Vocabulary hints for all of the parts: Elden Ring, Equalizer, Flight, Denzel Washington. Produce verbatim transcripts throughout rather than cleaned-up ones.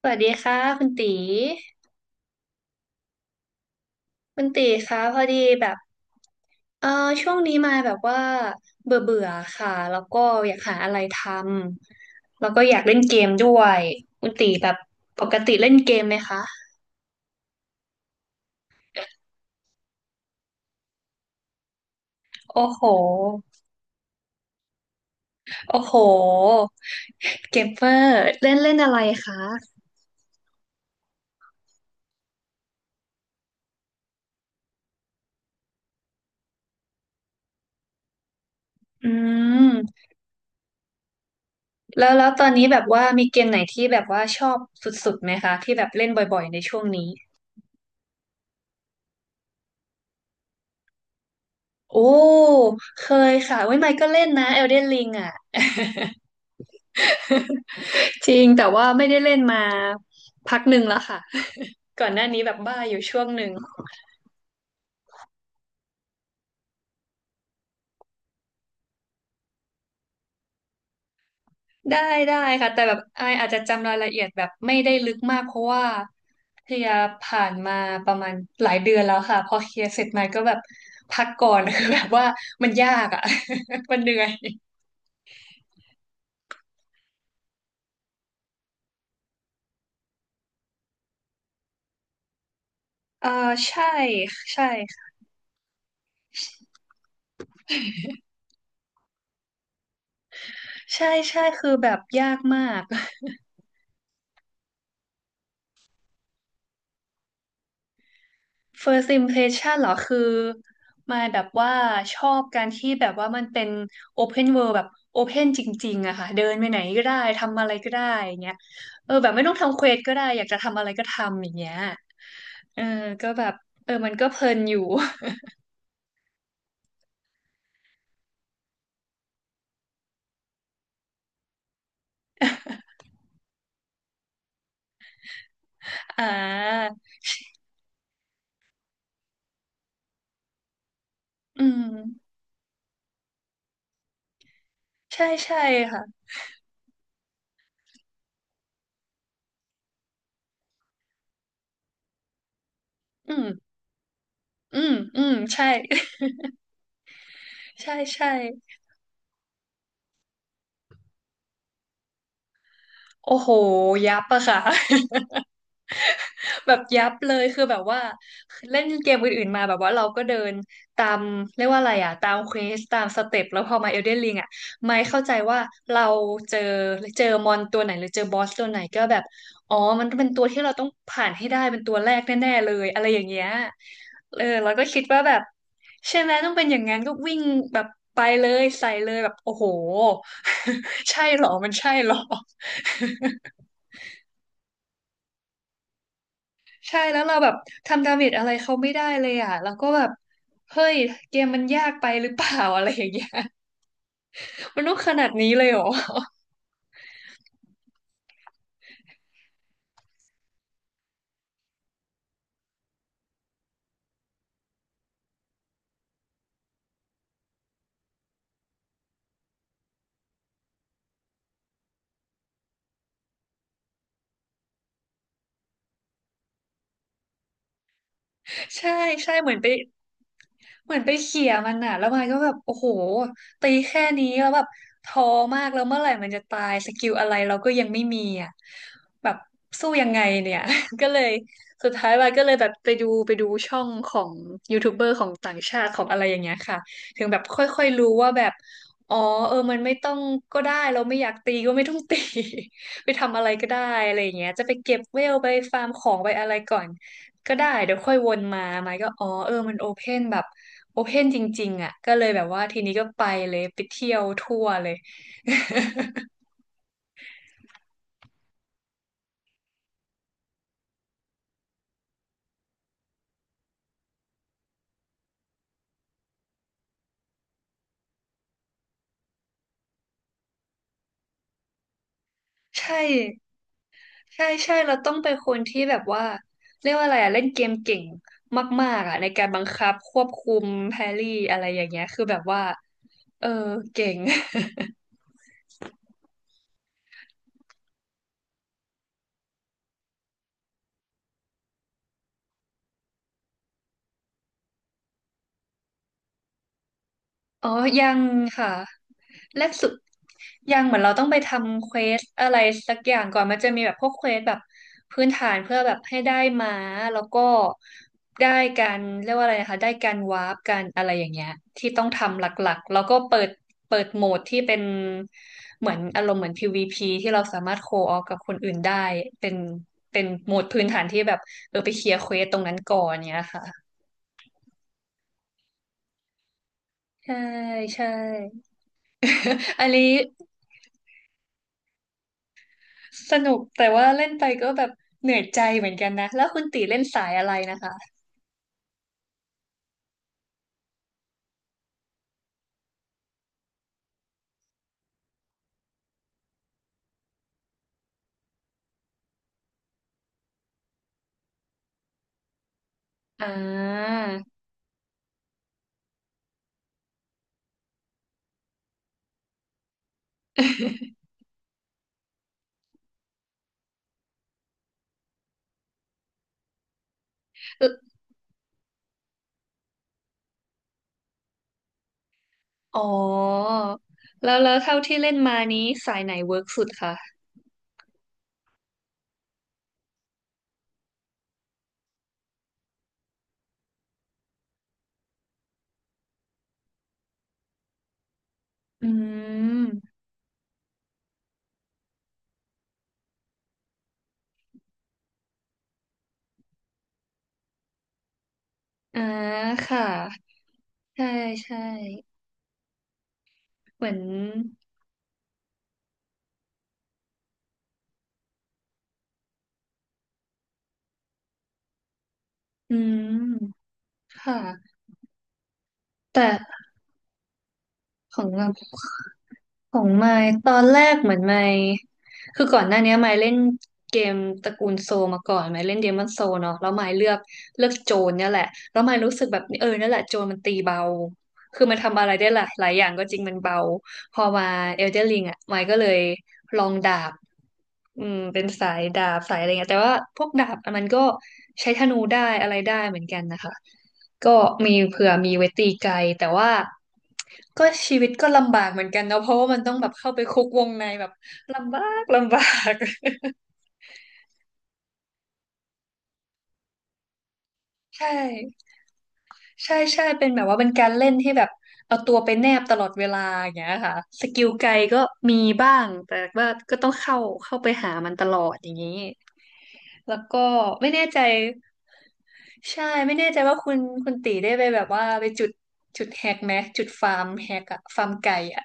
สวัสดีค่ะคุณตีคุณตีคะพอดีแบบเออช่วงนี้มาแบบว่าเบื่อเบื่อค่ะแล้วก็อยากหาอะไรทำแล้วก็อยากเล่นเกมด้วยคุณตีแบบปกติเล่นเกมไหมคะโอ้โหโอ้โหเกมเมอร์เล่นเล่นอะไรคะอืมแล้วแล้วตอนนี้แบบว่ามีเกมไหนที่แบบว่าชอบสุดๆไหมคะที่แบบเล่นบ่อยๆในช่วงนี้โอ้เคยค่ะเว้ยไมค์ก็เล่นนะ Elden Ring อ่ะ จริงแต่ว่าไม่ได้เล่นมาพักหนึ่งแล้วค่ะก่อนหน้านี้แบบบ้าอยู่ช่วงหนึ่งได้ได้ค่ะแต่แบบไอายอาจจะจำรายละเอียดแบบไม่ได้ลึกมากเพราะว่าเคลียร์ผ่านมาประมาณหลายเดือนแล้วค่ะพอเคลียร์เสร็จมาก็แบบพักก่อน คือแบบว่ามันยากอ่ะ มันเหนื่อยเออใช่ใช่ใช่ใช่คือแบบยากมาก First impression เหรอคือมายแบบว่าชอบการที่แบบว่ามันเป็น open world แบบ open จริงๆอะค่ะเดินไปไหนก็ได้ทำอะไรก็ได้อย่างเงี้ยเออแบบไม่ต้องทำเควสก็ได้อยากจะทำอะไรก็ทำอย่างเงี้ยเออก็แบบเออมันก็เพลินอยู่ อ่าอืมใช่ใช่ค่ะอืมอืมอืมใช่ ใช่ใช่โอ้โหยับอะค่ะ แบบยับเลยคือแบบว่าเล่นเกมอื่นๆมาแบบว่าเราก็เดินตามเรียกว่าอะไรอ่ะตามเควสตามสเต็ปแล้วพอมาเอลเดนริงอ่ะไม่เข้าใจว่าเราเจอเจอมอนตัวไหนหรือเจอบอสตัวไหนก็แบบอ๋อมันเป็นตัวที่เราต้องผ่านให้ได้เป็นตัวแรกแน่ๆเลยอะไรอย่างเงี้ยเออเราก็คิดว่าแบบใช่ไหมต้องเป็นอย่างนั้นก็วิ่งแบบไปเลยใส่เลยแบบโอ้โห ใช่เหรอมันใช่เหรอ ใช่แล้วเราแบบทำดาเมจอะไรเขาไม่ได้เลยอ่ะเราก็แบบเฮ้ยเกมมันยากไปหรือเปล่าอะไรอย่างเงี้ยมันต้องขนาดนี้เลยเหรอ ใช่ใช่เหมือนไปเหมือนไปเขี่ยมันอ่ะแล้วมันก็แบบโอ้โหตีแค่นี้แล้วแบบท้อมากแล้วเมื่อไหร่มันจะตายสกิลอะไรเราก็ยังไม่มีอ่ะแบบสู้ยังไงเนี่ย ก็เลยสุดท้ายวันก็เลยแบบไปดูไปดูช่องของยูทูบเบอร์ของต่างชาติของอะไรอย่างเงี้ยค่ะถึงแบบค่อยๆรู้ว่าแบบอ๋อเออมันไม่ต้องก็ได้เราไม่อยากตีก็ไม่ต้องตี ไปทำอะไรก็ได้อะไรอย่างเงี้ยจะไปเก็บเวลไปฟาร์มของไปอะไรก่อน ก็ได้เดี๋ยวค่อยวนมาไม้ก็อ๋อเออมันโอเพนแบบโอเพนจริงๆอ่ะก็เลยแบบว่าทีนี้ก็ไปเลยไปเที่ยวทั่วเลยใช่ใช่ใช่เราต้องเป็นคนที่แบบว่าเรียกว่าอะไรอ่ะเล่นเกมเก่งมากๆอ่ะในการบังคับควบคุมแพรี่อะไรอย่างเงี้ยคือแบบว่าเออเก่ง อ๋อยังค่ะ แรกสุดยังเหมือนเราต้องไปทำเควสอะไรสักอย่างก่อนมันจะมีแบบพวกเควสแบบพื้นฐานเพื่อแบบให้ได้ม้าแล้วก็ได้การเรียกว่าอะไรนะคะได้การวาร์ปการอะไรอย่างเงี้ยที่ต้องทำหลักๆแล้วก็เปิดเปิดโหมดที่เป็นเหมือนอารมณ์เหมือน พี วี พี ที่เราสามารถโคออกับคนอื่นได้เป็นเป็นโหมดพื้นฐานที่แบบเออไปเคลียร์เควสตรงนั้นก่อนเนี้ยค่ะใช่ใช่ อันนี้ สนุกแต่ว่าเล่นไปก็แบบเหนื่อยใจเหมือนกันนะแล้วคุณตีเล่นสายอะไรนะคะอ่า อ๋อแล้วแล้วเท่าที่เล่นมานี้สายไหนเวิร์กสุดคะอืมอ่าค่ะใช่ใช่เหมือนอืมค่ะแต่ของเรา ของไมค์ตอนแรกเหมือนไมค์คือก่อนหน้านี้ไมค์เล่นเกมตระกูลโซลมาก่อนไมค์เล่นเดมอนโซเนาะแล้วไมค์เลือกเลือกโจรเนี่ยแหละแล้วไมค์รู้สึกแบบเออนั่นแหละโจรมันตีเบาคือมันทำอะไรได้หลายหลายอย่างก็จริงมันเบาพอมาเอลเดนริงอ่ะไมค์ก็เลยลองดาบอืมเป็นสายดาบสายอะไรเงี้ยแต่ว่าพวกดาบมันก็ใช้ธนูได้อะไรได้เหมือนกันนะคะก็มีเผื่อมีไว้ตีไกลแต่ว่า ก็ชีวิตก็ลำบากเหมือนกันเนาะเพราะว่ามันต้องแบบเข้าไปคุกวงในแบบลำบากลำบาก ใช่ใช่ใช่เป็นแบบว่าเป็นการเล่นที่แบบเอาตัวไปแนบตลอดเวลาอย่างเงี้ยค่ะสกิลไกลก็มีบ้างแต่ว่าก็ต้องเข้าเข้าไปหามันตลอดอย่างนี้แล้วก็ไม่แน่ใจใช่ไม่แน่ใจว่าคุณคุณตีได้ไปแบบว่าไปจุดจุดแฮกไหมจุดฟาร์มแฮกอะฟาร์มไก่อะ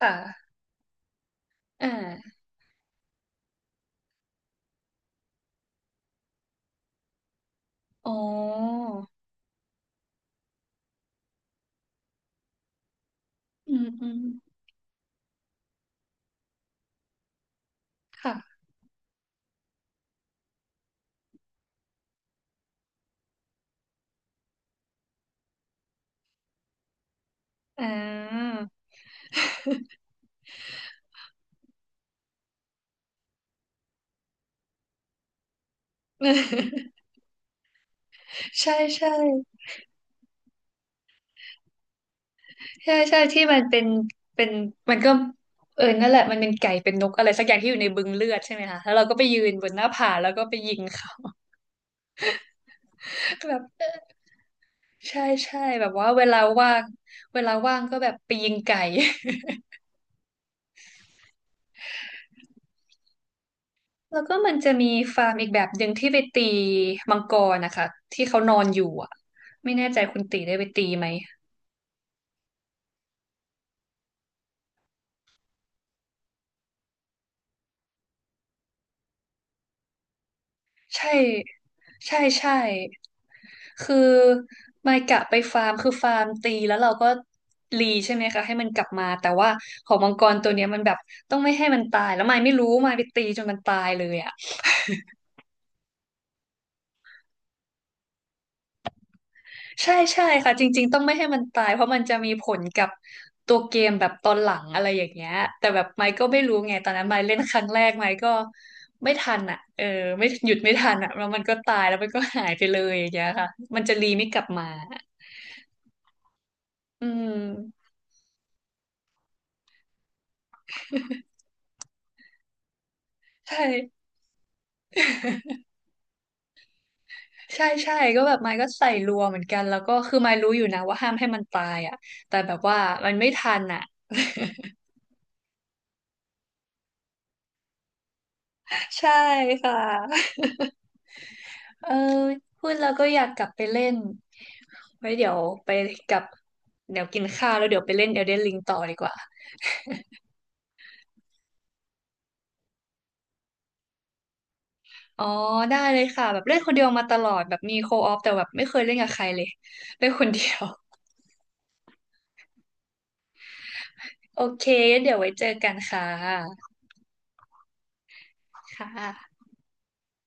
ค่ะอ่าอ๋ออืมอืมค่ะอ่า ใช่ใช่ใช่ใช่ที่มันเป็นเป็นมันก็เออนั่นแหละมันเป็นไก่เป็นนกอะไรสักอย่างที่อยู่ในบึงเลือดใช่ไหมคะแล้วเราก็ไปยืนบนหน้าผาแล้วก็ไปยิงเขา แบบใช่ใช่แบบว่าเวลาว่างเวลาว่างก็แบบไปยิงไก่ แล้วก็มันจะมีฟาร์มอีกแบบหนึ่งที่ไปตีมังกรนะคะที่เขานอนอยู่อ่ะไม่แน่ใจคุณตีได้ไปตีไหม ใช่ใช่ใช่คือไมายกะไปฟาร์มคือฟาร์มตีแล้วเราก็รีใช่ไหมคะให้มันกลับมาแต่ว่าของมังกรตัวเนี้ยมันแบบต้องไม่ให้มันตายแล้วไมายไม่รู้ไมายไปตีจนมันตายเลยอ่ะใช่ใช่ค่ะจริงๆต้องไม่ให้มันตายเพราะมันจะมีผลกับตัวเกมแบบตอนหลังอะไรอย่างเงี้ยแต่แบบไมค์ก็ไม่รู้ไงตอนนั้นไมค์เล่นครั้งแรกไมค์ก็ไม่ทันอ่ะเออไม่หยุดไม่ทันอ่ะแล้วมันก็ตายแล้วมันก็หายไปเลยอย่างเงี้ยค่ะมันจะรีไม่กลับมาอืม ใช่ ใช่ใช่ก็แบบไม้ก็ใส่รัวเหมือนกันแล้วก็คือไม้รู้อยู่นะว่าห้ามให้มันตายอ่ะแต่แบบว่ามันไม่ทันอ่ะใช่ค่ะ เออพูดแล้วก็อยากกลับไปเล่นไว้เดี๋ยวไปกลับเดี๋ยวกินข้าวแล้วเดี๋ยวไปเล่น Elden Ring ต่อดีกว่าอ๋อได้เลยค่ะแบบเล่นคนเดียวมาตลอดแบบมีโคออฟแต่แบบไม่เคยเล่นกับใครเลยเล่นคนเดียว โอเคงั้นเดี๋ยวไว้เจอกันค่ะค่ะ